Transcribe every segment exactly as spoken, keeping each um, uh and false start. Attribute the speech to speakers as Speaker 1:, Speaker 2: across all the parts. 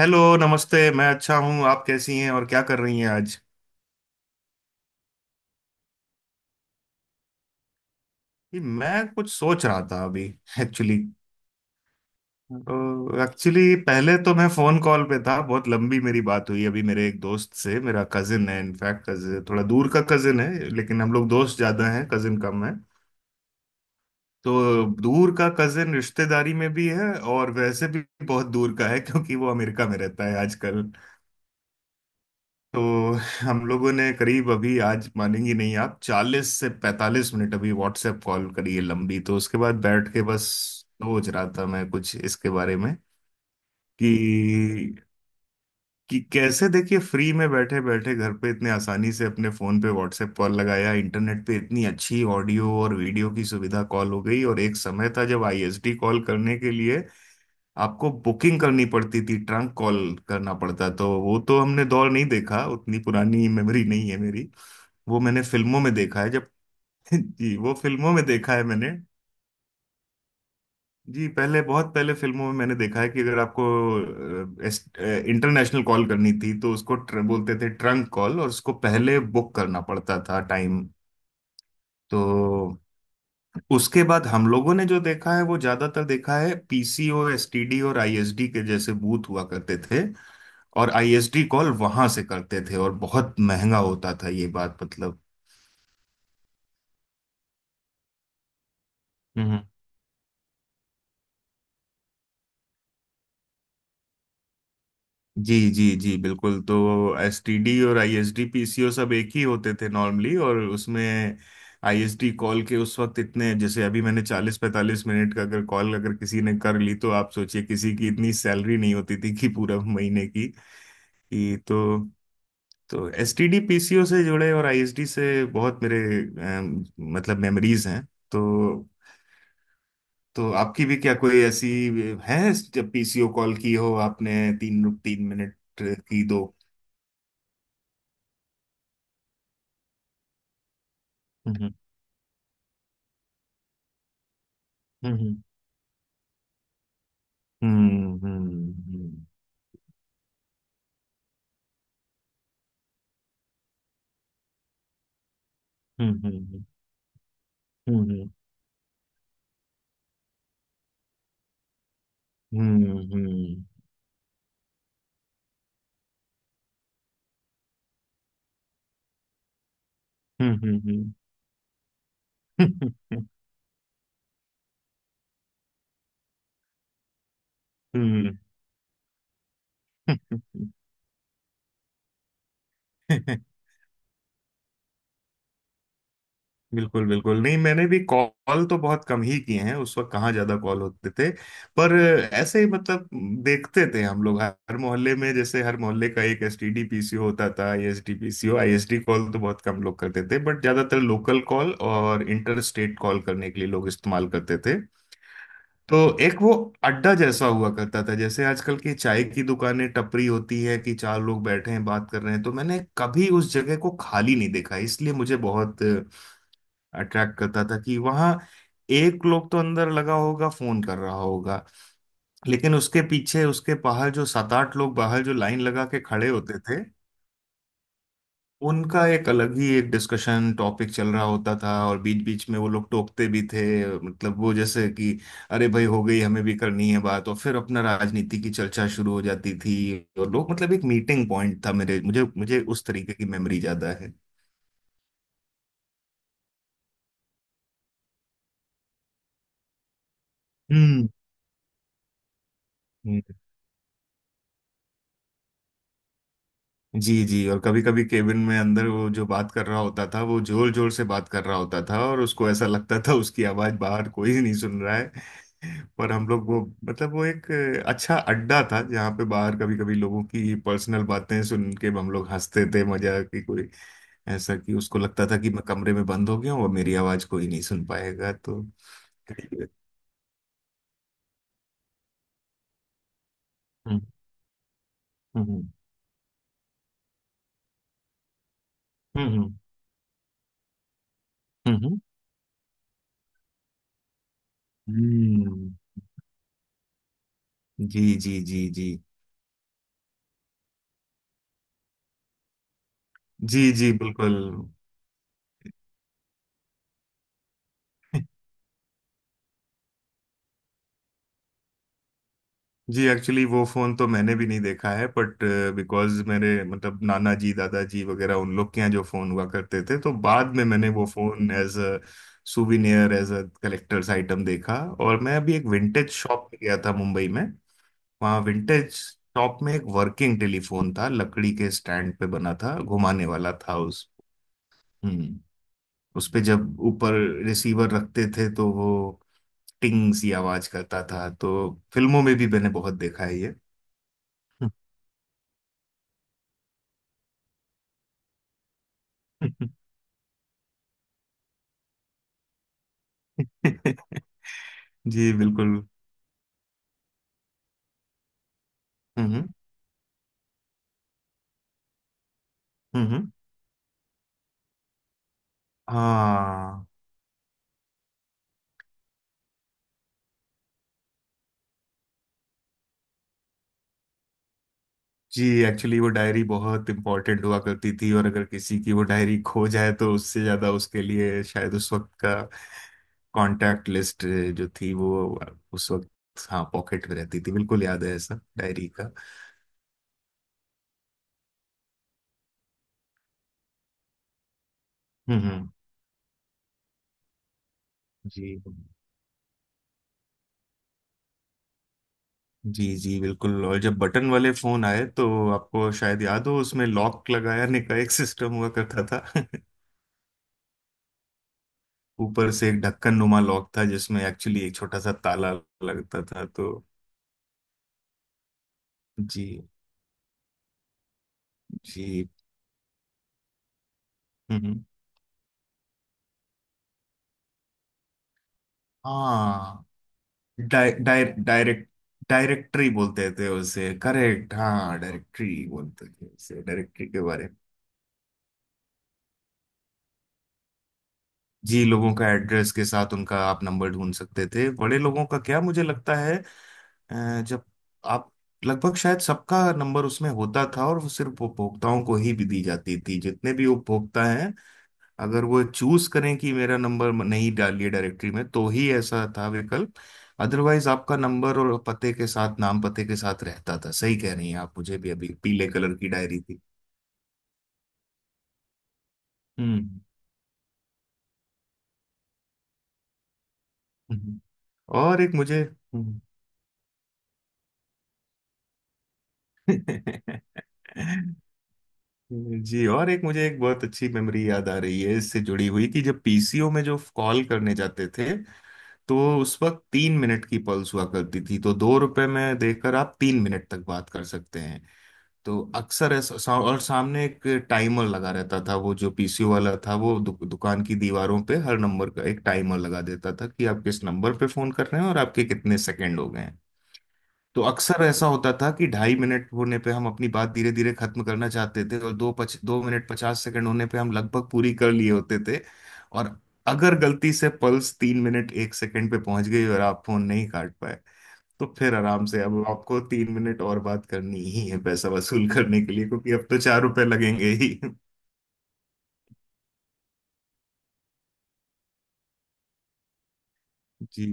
Speaker 1: Hello, नमस्ते। मैं अच्छा हूँ, आप कैसी हैं और क्या कर रही हैं आज? ये मैं कुछ सोच रहा था अभी। एक्चुअली तो एक्चुअली पहले तो मैं फोन कॉल पे था, बहुत लंबी मेरी बात हुई अभी मेरे एक दोस्त से। मेरा कजिन है, इनफैक्ट कजिन थोड़ा दूर का कजिन है, लेकिन हम लोग दोस्त ज्यादा हैं, कजिन कम है। तो दूर का कजिन रिश्तेदारी में भी है और वैसे भी बहुत दूर का है क्योंकि वो अमेरिका में रहता है आजकल। तो हम लोगों ने करीब अभी आज, मानेंगी नहीं आप, चालीस से पैंतालीस मिनट अभी व्हाट्सएप कॉल करी है, लंबी। तो उसके बाद बैठ के बस सोच रहा था मैं कुछ इसके बारे में कि कि कैसे देखिए, फ्री में बैठे बैठे घर पे इतने आसानी से अपने फोन पे व्हाट्सएप कॉल लगाया, इंटरनेट पे इतनी अच्छी ऑडियो और वीडियो की सुविधा, कॉल हो गई। और एक समय था जब आईएसडी कॉल करने के लिए आपको बुकिंग करनी पड़ती थी, ट्रंक कॉल करना पड़ता। तो वो तो हमने दौर नहीं देखा, उतनी पुरानी मेमोरी नहीं है मेरी। वो मैंने फिल्मों में देखा है जब जी, वो फिल्मों में देखा है मैंने। जी, पहले, बहुत पहले फिल्मों में मैंने देखा है कि अगर आपको इंटरनेशनल कॉल करनी थी तो उसको tr- बोलते थे ट्रंक कॉल, और उसको पहले बुक करना पड़ता था, टाइम। तो उसके बाद हम लोगों ने जो देखा है वो ज्यादातर देखा है पीसीओ, एसटीडी और आईएसडी के जैसे बूथ हुआ करते थे। और आईएसडी कॉल वहां से करते थे और बहुत महंगा होता था ये बात, मतलब। हम्म। जी जी जी, बिल्कुल। तो एसटीडी और आईएसडी पीसीओ सब एक ही होते थे नॉर्मली, और उसमें आईएसडी कॉल के उस वक्त इतने, जैसे अभी मैंने चालीस पैंतालीस मिनट का अगर कॉल अगर किसी ने कर ली, तो आप सोचिए किसी की इतनी सैलरी नहीं होती थी कि पूरा महीने की कि तो तो एसटीडी पीसीओ से जुड़े और आईएसडी से बहुत मेरे, अम, मतलब, मेमोरीज हैं। तो तो आपकी भी क्या कोई ऐसी है जब पीसीओ कॉल की हो आपने? तीन तीन मिनट की दो। हम्म। हम्म। हम्म। हम्म। हम्म। हम्म। हम्म। हम्म। हम्म। हम्म। हम्म। बिल्कुल बिल्कुल। नहीं, मैंने भी कॉल तो बहुत कम ही किए हैं, उस वक्त कहाँ ज्यादा कॉल होते थे। पर ऐसे ही, मतलब, देखते थे हम लोग हर मोहल्ले में, जैसे हर मोहल्ले का एक एसटीडी पीसीओ होता था, आईएसडी पीसीओ। आईएसडी कॉल तो बहुत कम लोग करते थे बट ज्यादातर लोकल कॉल और इंटर स्टेट कॉल करने के लिए लोग इस्तेमाल करते थे। तो एक वो अड्डा जैसा हुआ करता था, जैसे आजकल की चाय की दुकानें टपरी होती है, कि चार लोग बैठे हैं बात कर रहे हैं। तो मैंने कभी उस जगह को खाली नहीं देखा, इसलिए मुझे बहुत अट्रैक्ट करता था, कि वहां एक लोग तो अंदर लगा होगा फोन कर रहा होगा, लेकिन उसके पीछे, उसके बाहर, जो सात आठ लोग बाहर जो लाइन लगा के खड़े होते थे, उनका एक अलग ही एक डिस्कशन टॉपिक चल रहा होता था, और बीच बीच में वो लोग टोकते भी थे, मतलब वो जैसे कि अरे भाई हो गई, हमें भी करनी है बात, और फिर अपना राजनीति की चर्चा शुरू हो जाती थी। और लोग, मतलब, एक मीटिंग पॉइंट था मेरे, मुझे मुझे उस तरीके की मेमोरी ज्यादा है। हम्म। जी जी, और कभी कभी केबिन में अंदर वो जो बात कर रहा होता था वो जोर जोर से बात कर रहा होता था, और उसको ऐसा लगता था उसकी आवाज बाहर कोई नहीं सुन रहा है। पर हम लोग वो, मतलब वो एक अच्छा अड्डा था जहाँ पे बाहर कभी कभी लोगों की पर्सनल बातें सुन के हम लोग हंसते थे, मजा की कोई, ऐसा कि उसको लगता था कि मैं कमरे में बंद हो गया हूँ और मेरी आवाज कोई नहीं सुन पाएगा, तो। हम्म। हम्म। हम्म। हम्म। हम्म। हम्म। जी जी जी जी। जी जी, बिल्कुल। जी, एक्चुअली वो फोन तो मैंने भी नहीं देखा है बट, बिकॉज मेरे, मतलब, नाना जी दादाजी वगैरह उन लोग के यहाँ जो फोन हुआ करते थे, तो बाद में मैंने वो phone as a souvenir, as a collector's item देखा। और मैं अभी एक विंटेज शॉप में गया था मुंबई में, वहाँ विंटेज शॉप में एक वर्किंग टेलीफोन था, लकड़ी के स्टैंड पे बना था, घुमाने वाला था उस। हम्म। उस पे जब ऊपर रिसीवर रखते थे तो वो टिंग सी आवाज करता था, तो फिल्मों में भी मैंने बहुत देखा है ये। जी बिल्कुल। हम्म। हम्म। हम्म। हाँ। जी, एक्चुअली वो डायरी बहुत इम्पोर्टेंट हुआ करती थी, और अगर किसी की वो डायरी खो जाए तो उससे ज्यादा उसके लिए शायद उस वक्त का कांटेक्ट लिस्ट जो थी, वो उस वक्त, हाँ, पॉकेट में रहती थी। बिल्कुल याद है ऐसा डायरी का। हम्म। हम्म, जी जी जी बिल्कुल। और जब बटन वाले फोन आए तो आपको शायद याद हो उसमें लॉक लगाने का एक सिस्टम हुआ करता था, ऊपर से एक ढक्कन नुमा लॉक था जिसमें एक्चुअली एक छोटा सा ताला लगता था, तो। जी जी। हम्म। हम्म। हाँ, डाय डाय डायरेक्ट डायरेक्टरी बोलते थे उसे, करेक्ट, हाँ डायरेक्टरी बोलते थे उसे, डायरेक्टरी के बारे में। जी, लोगों का एड्रेस के साथ उनका आप नंबर ढूंढ सकते थे, बड़े लोगों का क्या, मुझे लगता है अ, जब आप लगभग शायद सबका नंबर उसमें होता था, और वो सिर्फ उपभोक्ताओं को ही भी दी जाती थी, जितने भी उपभोक्ता हैं। अगर वो चूज करें कि मेरा नंबर नहीं डालिए डायरेक्टरी में तो ही ऐसा था विकल्प, अदरवाइज आपका नंबर और पते के साथ, नाम पते के साथ रहता था। सही कह रही हैं आप, मुझे भी, अभी पीले कलर की डायरी थी। हम्म। हम्म। और एक मुझे, हम्म। जी, और एक मुझे एक बहुत अच्छी मेमोरी याद आ रही है इससे जुड़ी हुई कि जब पीसीओ में जो कॉल करने जाते थे, तो उस वक्त तीन मिनट की पल्स हुआ करती थी, तो दो रुपए में देकर आप तीन मिनट तक बात कर सकते हैं। तो अक्सर ऐसा सा, और सामने एक टाइमर लगा रहता था, वो जो पीसीओ वाला था वो दु, दुकान की दीवारों पे हर नंबर का एक टाइमर लगा देता था कि आप किस नंबर पे फोन कर रहे हैं और आपके कितने सेकंड हो गए हैं। तो अक्सर ऐसा होता था कि ढाई मिनट होने पे हम अपनी बात धीरे धीरे खत्म करना चाहते थे, और दो पच दो मिनट पचास सेकंड होने पे हम लगभग पूरी कर लिए होते थे, और अगर गलती से पल्स तीन मिनट एक सेकंड पे पहुंच गई और आप फोन नहीं काट पाए, तो फिर आराम से अब आपको तीन मिनट और बात करनी ही है पैसा वसूल करने के लिए, क्योंकि अब तो चार रुपए लगेंगे ही। जी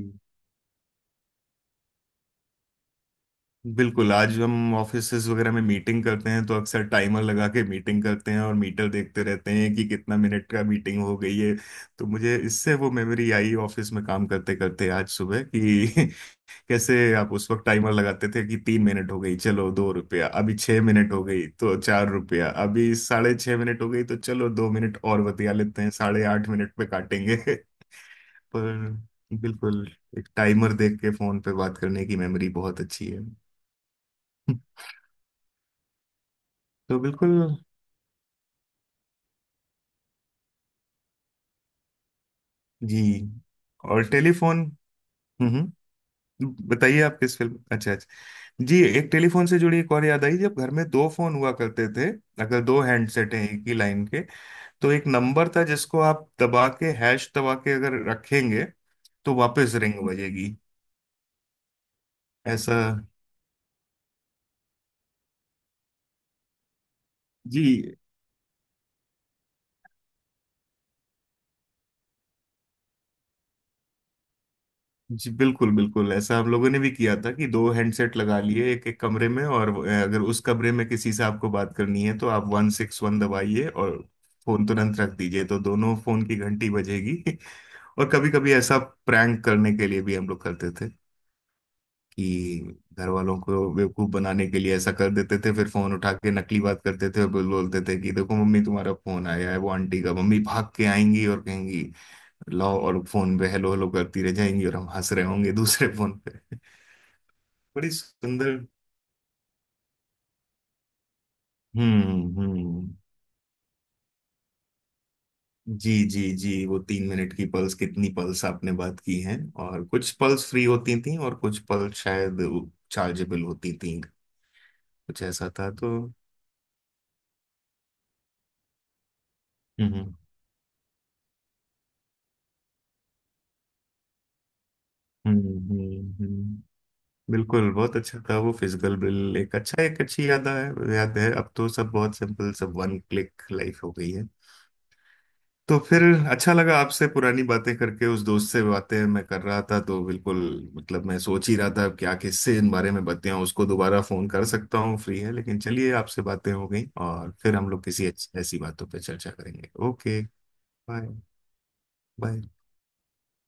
Speaker 1: बिल्कुल, आज हम ऑफिसेज वगैरह में मीटिंग करते हैं तो अक्सर टाइमर लगा के मीटिंग करते हैं, और मीटर देखते रहते हैं कि कितना मिनट का मीटिंग हो गई है। तो मुझे इससे वो मेमोरी आई ऑफिस में काम करते करते आज सुबह कि कैसे आप उस वक्त टाइमर लगाते थे कि तीन मिनट हो गई चलो दो रुपया, अभी छह मिनट हो गई तो चार रुपया, अभी साढ़े छह मिनट हो गई तो चलो दो मिनट और बतिया लेते हैं, साढ़े आठ मिनट पे काटेंगे। पर बिल्कुल, एक टाइमर देख के फोन पे बात करने की मेमोरी बहुत अच्छी है। तो बिल्कुल जी, और टेलीफोन। हम्म, हम्म, बताइए आप किस फिल्म, अच्छा अच्छा। जी, एक टेलीफोन से जुड़ी एक और याद आई जब घर में दो फोन हुआ करते थे, अगर दो हैंडसेट हैं एक ही लाइन के, तो एक नंबर था जिसको आप दबा के, हैश दबा के अगर रखेंगे, तो वापस रिंग बजेगी। ऐसा। जी जी बिल्कुल बिल्कुल, ऐसा हम लोगों ने भी किया था कि दो हैंडसेट लगा लिए एक एक कमरे में, और अ, अगर उस कमरे में किसी से आपको बात करनी है तो आप वन सिक्स वन दबाइए और फोन तुरंत रख दीजिए, तो दोनों फोन की घंटी बजेगी। और कभी कभी ऐसा प्रैंक करने के लिए भी हम लोग करते थे, कि घर वालों को बेवकूफ बनाने के लिए ऐसा कर देते थे, फिर फोन उठा के नकली बात करते थे, और बोल- बोलते थे कि देखो मम्मी तुम्हारा फोन आया है वो आंटी का, मम्मी भाग के आएंगी और कहेंगी लाओ, और फोन पे हेलो हेलो करती रह जाएंगी और हम हंस रहे होंगे दूसरे फोन पे। बड़ी सुंदर। हम्म। हम्म। जी जी जी, वो तीन मिनट की पल्स, कितनी पल्स आपने बात की हैं, और कुछ पल्स फ्री होती थी और कुछ पल्स शायद चार्जेबल होती थी, कुछ ऐसा था तो। हम्म। हम्म। हम्म। हम्म, बिल्कुल बहुत अच्छा था वो फिजिकल बिल, एक अच्छा एक अच्छी याद है, याद है। अब तो सब बहुत सिंपल, सब वन क्लिक लाइफ हो गई है। तो फिर अच्छा लगा आपसे पुरानी बातें करके, उस दोस्त से बातें मैं कर रहा था तो बिल्कुल, मतलब मैं सोच ही रहा था क्या किससे इन बारे में बातें हों, उसको दोबारा फोन कर सकता हूँ फ्री है, लेकिन चलिए आपसे बातें हो गई, और फिर हम लोग किसी अच्छी- ऐसी बातों पर चर्चा करेंगे। ओके। बाय। बाय।